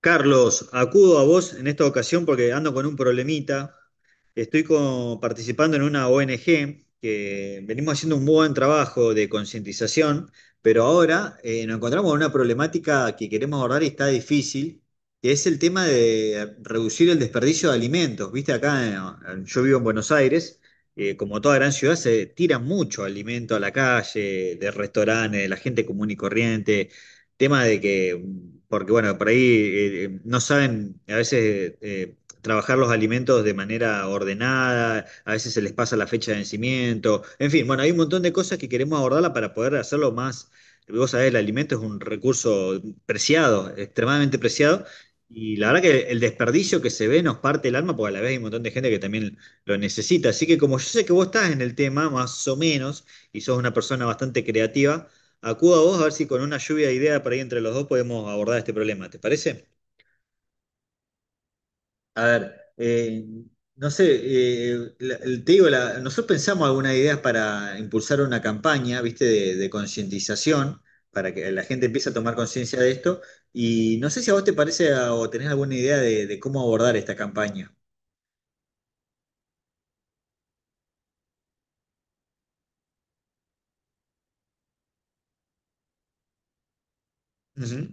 Carlos, acudo a vos en esta ocasión porque ando con un problemita. Participando en una ONG que venimos haciendo un buen trabajo de concientización, pero ahora nos encontramos con una problemática que queremos abordar y está difícil, que es el tema de reducir el desperdicio de alimentos. Viste, acá yo vivo en Buenos Aires, como toda gran ciudad se tira mucho alimento a la calle, de restaurantes, de la gente común y corriente tema de que porque bueno, por ahí no saben a veces trabajar los alimentos de manera ordenada, a veces se les pasa la fecha de vencimiento, en fin, bueno, hay un montón de cosas que queremos abordarla para poder hacerlo más, vos sabés, el alimento es un recurso preciado, extremadamente preciado. Y la verdad que el desperdicio que se ve nos parte el alma, porque a la vez hay un montón de gente que también lo necesita. Así que como yo sé que vos estás en el tema, más o menos, y sos una persona bastante creativa, acudo a vos a ver si con una lluvia de ideas por ahí entre los dos podemos abordar este problema. ¿Te parece? A ver, no sé, te digo, nosotros pensamos algunas ideas para impulsar una campaña, ¿viste? De concientización, para que la gente empiece a tomar conciencia de esto. Y no sé si a vos te parece o tenés alguna idea de cómo abordar esta campaña. Ujú.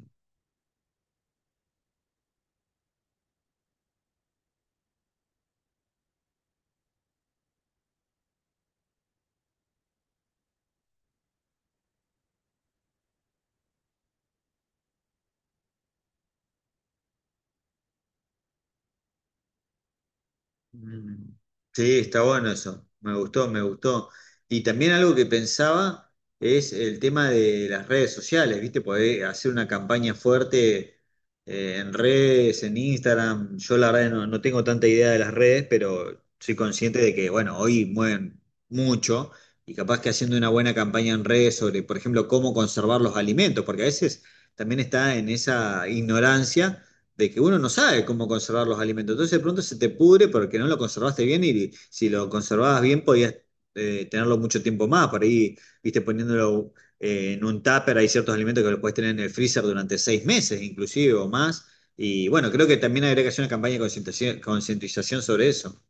Mm. Sí, está bueno eso. Me gustó, me gustó. Y también algo que pensaba es el tema de las redes sociales, ¿viste? Poder hacer una campaña fuerte en redes, en Instagram. Yo la verdad no tengo tanta idea de las redes, pero soy consciente de que, bueno, hoy mueven mucho y capaz que haciendo una buena campaña en redes sobre, por ejemplo, cómo conservar los alimentos, porque a veces también está en esa ignorancia de que uno no sabe cómo conservar los alimentos. Entonces de pronto se te pudre porque no lo conservaste bien y si lo conservabas bien podías tenerlo mucho tiempo más. Por ahí, viste, poniéndolo en un tupper, hay ciertos alimentos que los puedes tener en el freezer durante 6 meses inclusive o más. Y bueno, creo que también habría que hacer una campaña de concientización sobre eso.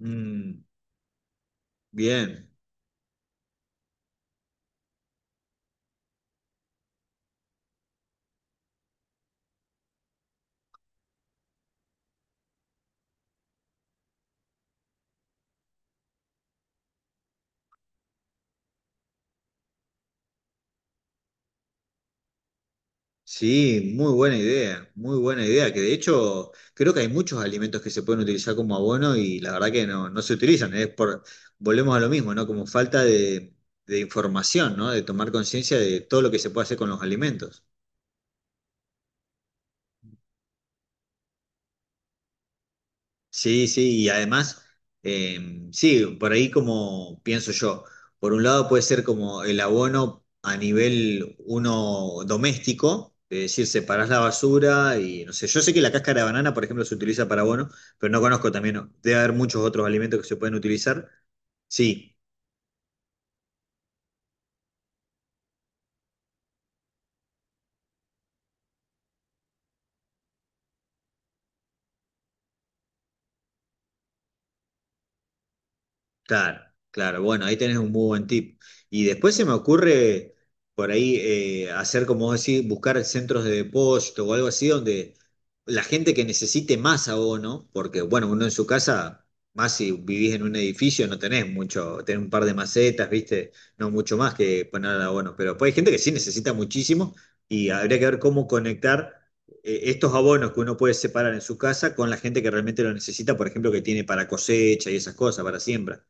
Mm, bien. Sí, muy buena idea, que de hecho creo que hay muchos alimentos que se pueden utilizar como abono y la verdad que no se utilizan, es por, volvemos a lo mismo, ¿no? Como falta de información, ¿no? De tomar conciencia de todo lo que se puede hacer con los alimentos. Sí, sí, y además, eh, sí, por ahí como pienso yo, por un lado puede ser como el abono a nivel uno doméstico, es decir, separás la basura y no sé, yo sé que la cáscara de banana, por ejemplo, se utiliza para abono, pero no conozco también, ¿no? Debe haber muchos otros alimentos que se pueden utilizar, sí, claro, claro. Bueno, ahí tenés un muy buen tip. Y después se me ocurre por ahí hacer, como vos decís, buscar centros de depósito o algo así donde la gente que necesite más abono, porque bueno, uno en su casa, más si vivís en un edificio, no tenés mucho, tenés un par de macetas, ¿viste? No mucho más que poner abono. Pero pues hay gente que sí necesita muchísimo y habría que ver cómo conectar estos abonos que uno puede separar en su casa con la gente que realmente lo necesita, por ejemplo, que tiene para cosecha y esas cosas, para siembra.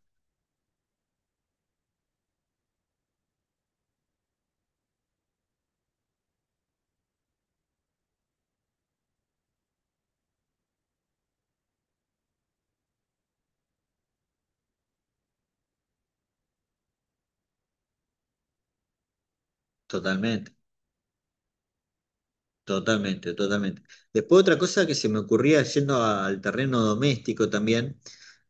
Totalmente, totalmente, totalmente. Después otra cosa que se me ocurría yendo al terreno doméstico también,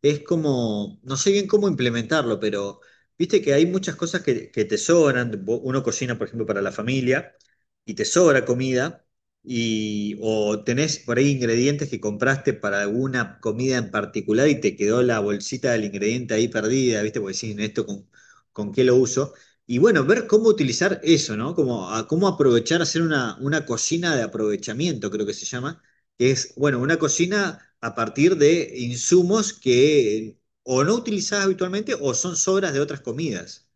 es como, no sé bien cómo implementarlo, pero viste que hay muchas cosas que te sobran, uno cocina, por ejemplo, para la familia y te sobra comida, y, o tenés por ahí ingredientes que compraste para alguna comida en particular y te quedó la bolsita del ingrediente ahí perdida, viste, porque decís, esto con qué lo uso. Y bueno, ver cómo utilizar eso, ¿no? Como, a, cómo aprovechar, hacer una cocina de aprovechamiento, creo que se llama, que es, bueno, una cocina a partir de insumos que o no utilizás habitualmente o son sobras de otras comidas.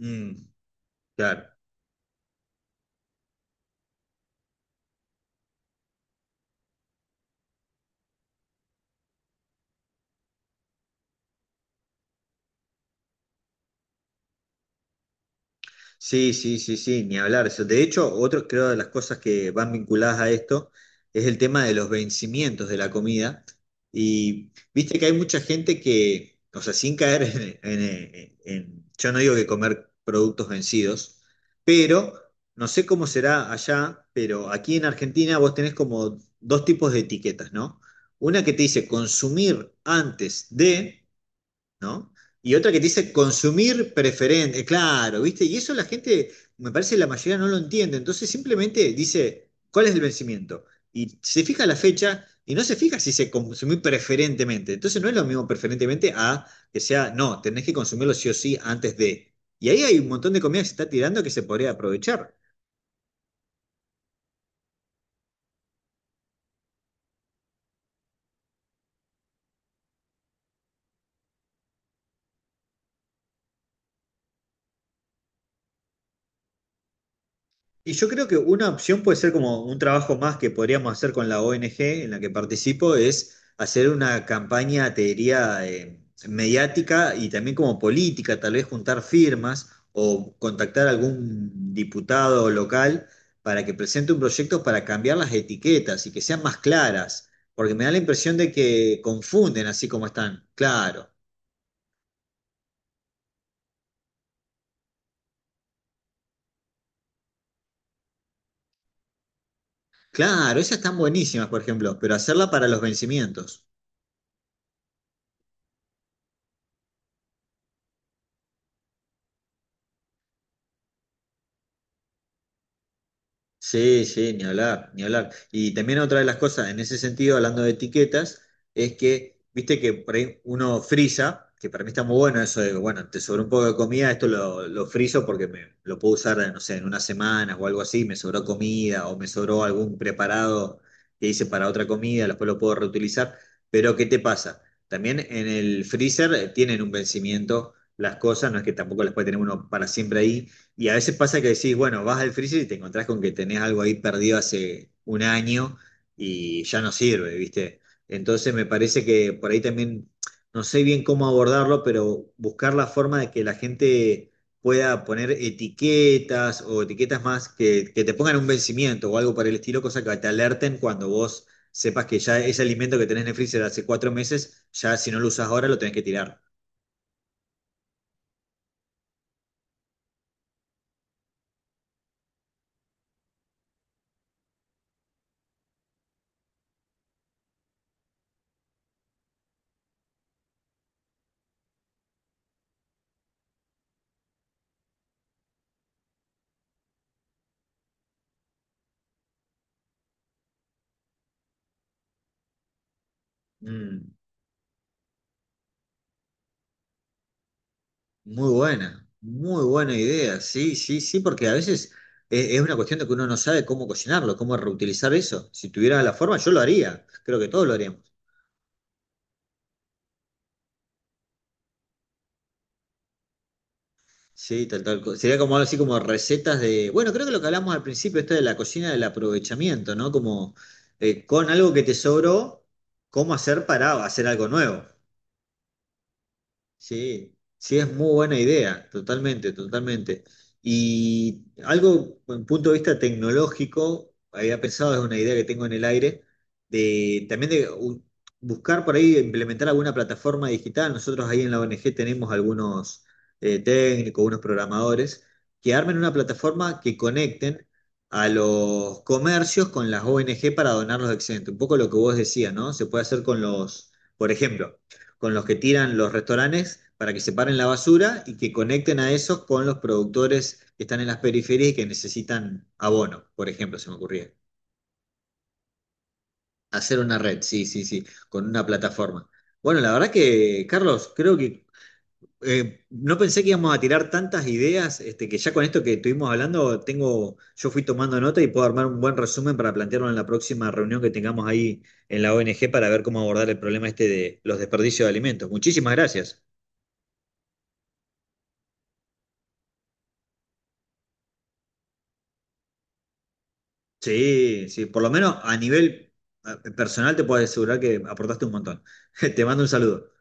Mm, claro. Sí, sí, sí, sí, ni hablar. De hecho, otro creo de las cosas que van vinculadas a esto es el tema de los vencimientos de la comida. Y viste que hay mucha gente que, o sea, sin caer yo no digo que comer productos vencidos, pero no sé cómo será allá, pero aquí en Argentina vos tenés como dos tipos de etiquetas, ¿no? Una que te dice consumir antes de ¿no? Y otra que te dice consumir preferente, claro, ¿viste? Y eso la gente, me parece la mayoría no lo entiende, entonces simplemente dice, ¿cuál es el vencimiento? Y se fija la fecha y no se fija si se consumir preferentemente, entonces no es lo mismo preferentemente a que sea, no, tenés que consumirlo sí o sí antes de. Y ahí hay un montón de comida que se está tirando que se podría aprovechar. Y yo creo que una opción puede ser como un trabajo más que podríamos hacer con la ONG en la que participo, es hacer una campaña, te diría, mediática y también como política, tal vez juntar firmas o contactar a algún diputado local para que presente un proyecto para cambiar las etiquetas y que sean más claras, porque me da la impresión de que confunden así como están. Claro, claro, esas están buenísimas, por ejemplo, pero hacerla para los vencimientos. Sí, sí, ni hablar, ni hablar. Y también otra de las cosas, en ese sentido, hablando de etiquetas, es que, viste que por ahí uno frisa, que para mí está muy bueno eso de, bueno, te sobró un poco de comida, esto lo friso porque me, lo puedo usar, no sé, en una semana o algo así, me sobró comida o me sobró algún preparado que hice para otra comida, después lo puedo reutilizar. Pero, ¿qué te pasa? También en el freezer tienen un vencimiento las cosas, no es que tampoco las puede tener uno para siempre ahí. Y a veces pasa que decís, bueno, vas al freezer y te encontrás con que tenés algo ahí perdido hace un año y ya no sirve, ¿viste? Entonces me parece que por ahí también, no sé bien cómo abordarlo, pero buscar la forma de que la gente pueda poner etiquetas o etiquetas más que te pongan un vencimiento o algo para el estilo, cosa que te alerten cuando vos sepas que ya ese alimento que tenés en el freezer hace 4 meses, ya si no lo usás ahora lo tenés que tirar. Mm. Muy buena idea. Sí, sí, sí, porque a veces es una cuestión de que uno no sabe cómo cocinarlo, cómo reutilizar eso. Si tuviera la forma, yo lo haría. Creo que todos lo haríamos. Sí, tal, tal. Sería como algo así como recetas de. Bueno, creo que lo que hablamos al principio, esto de la cocina del aprovechamiento, ¿no? Como con algo que te sobró, cómo hacer para hacer algo nuevo. Sí, sí, es muy buena idea, totalmente, totalmente. Y algo, en punto de vista tecnológico, había pensado, es una idea que tengo en el aire, de también buscar por ahí, implementar alguna plataforma digital. Nosotros ahí en la ONG tenemos algunos técnicos, unos programadores, que armen una plataforma que conecten a los comercios con las ONG para donar los excedentes. Un poco lo que vos decías, ¿no? Se puede hacer con los... Por ejemplo, con los que tiran los restaurantes para que separen la basura y que conecten a esos con los productores que están en las periferias y que necesitan abono, por ejemplo, se me ocurría. Hacer una red, sí, sí, sí, con una plataforma. Bueno, la verdad que, Carlos, creo que no pensé que íbamos a tirar tantas ideas, este, que ya con esto que estuvimos hablando, tengo, yo fui tomando nota y puedo armar un buen resumen para plantearlo en la próxima reunión que tengamos ahí en la ONG para ver cómo abordar el problema este de los desperdicios de alimentos. Muchísimas gracias. Sí, sí, por lo menos a nivel personal te puedo asegurar que aportaste un montón. Te mando un saludo.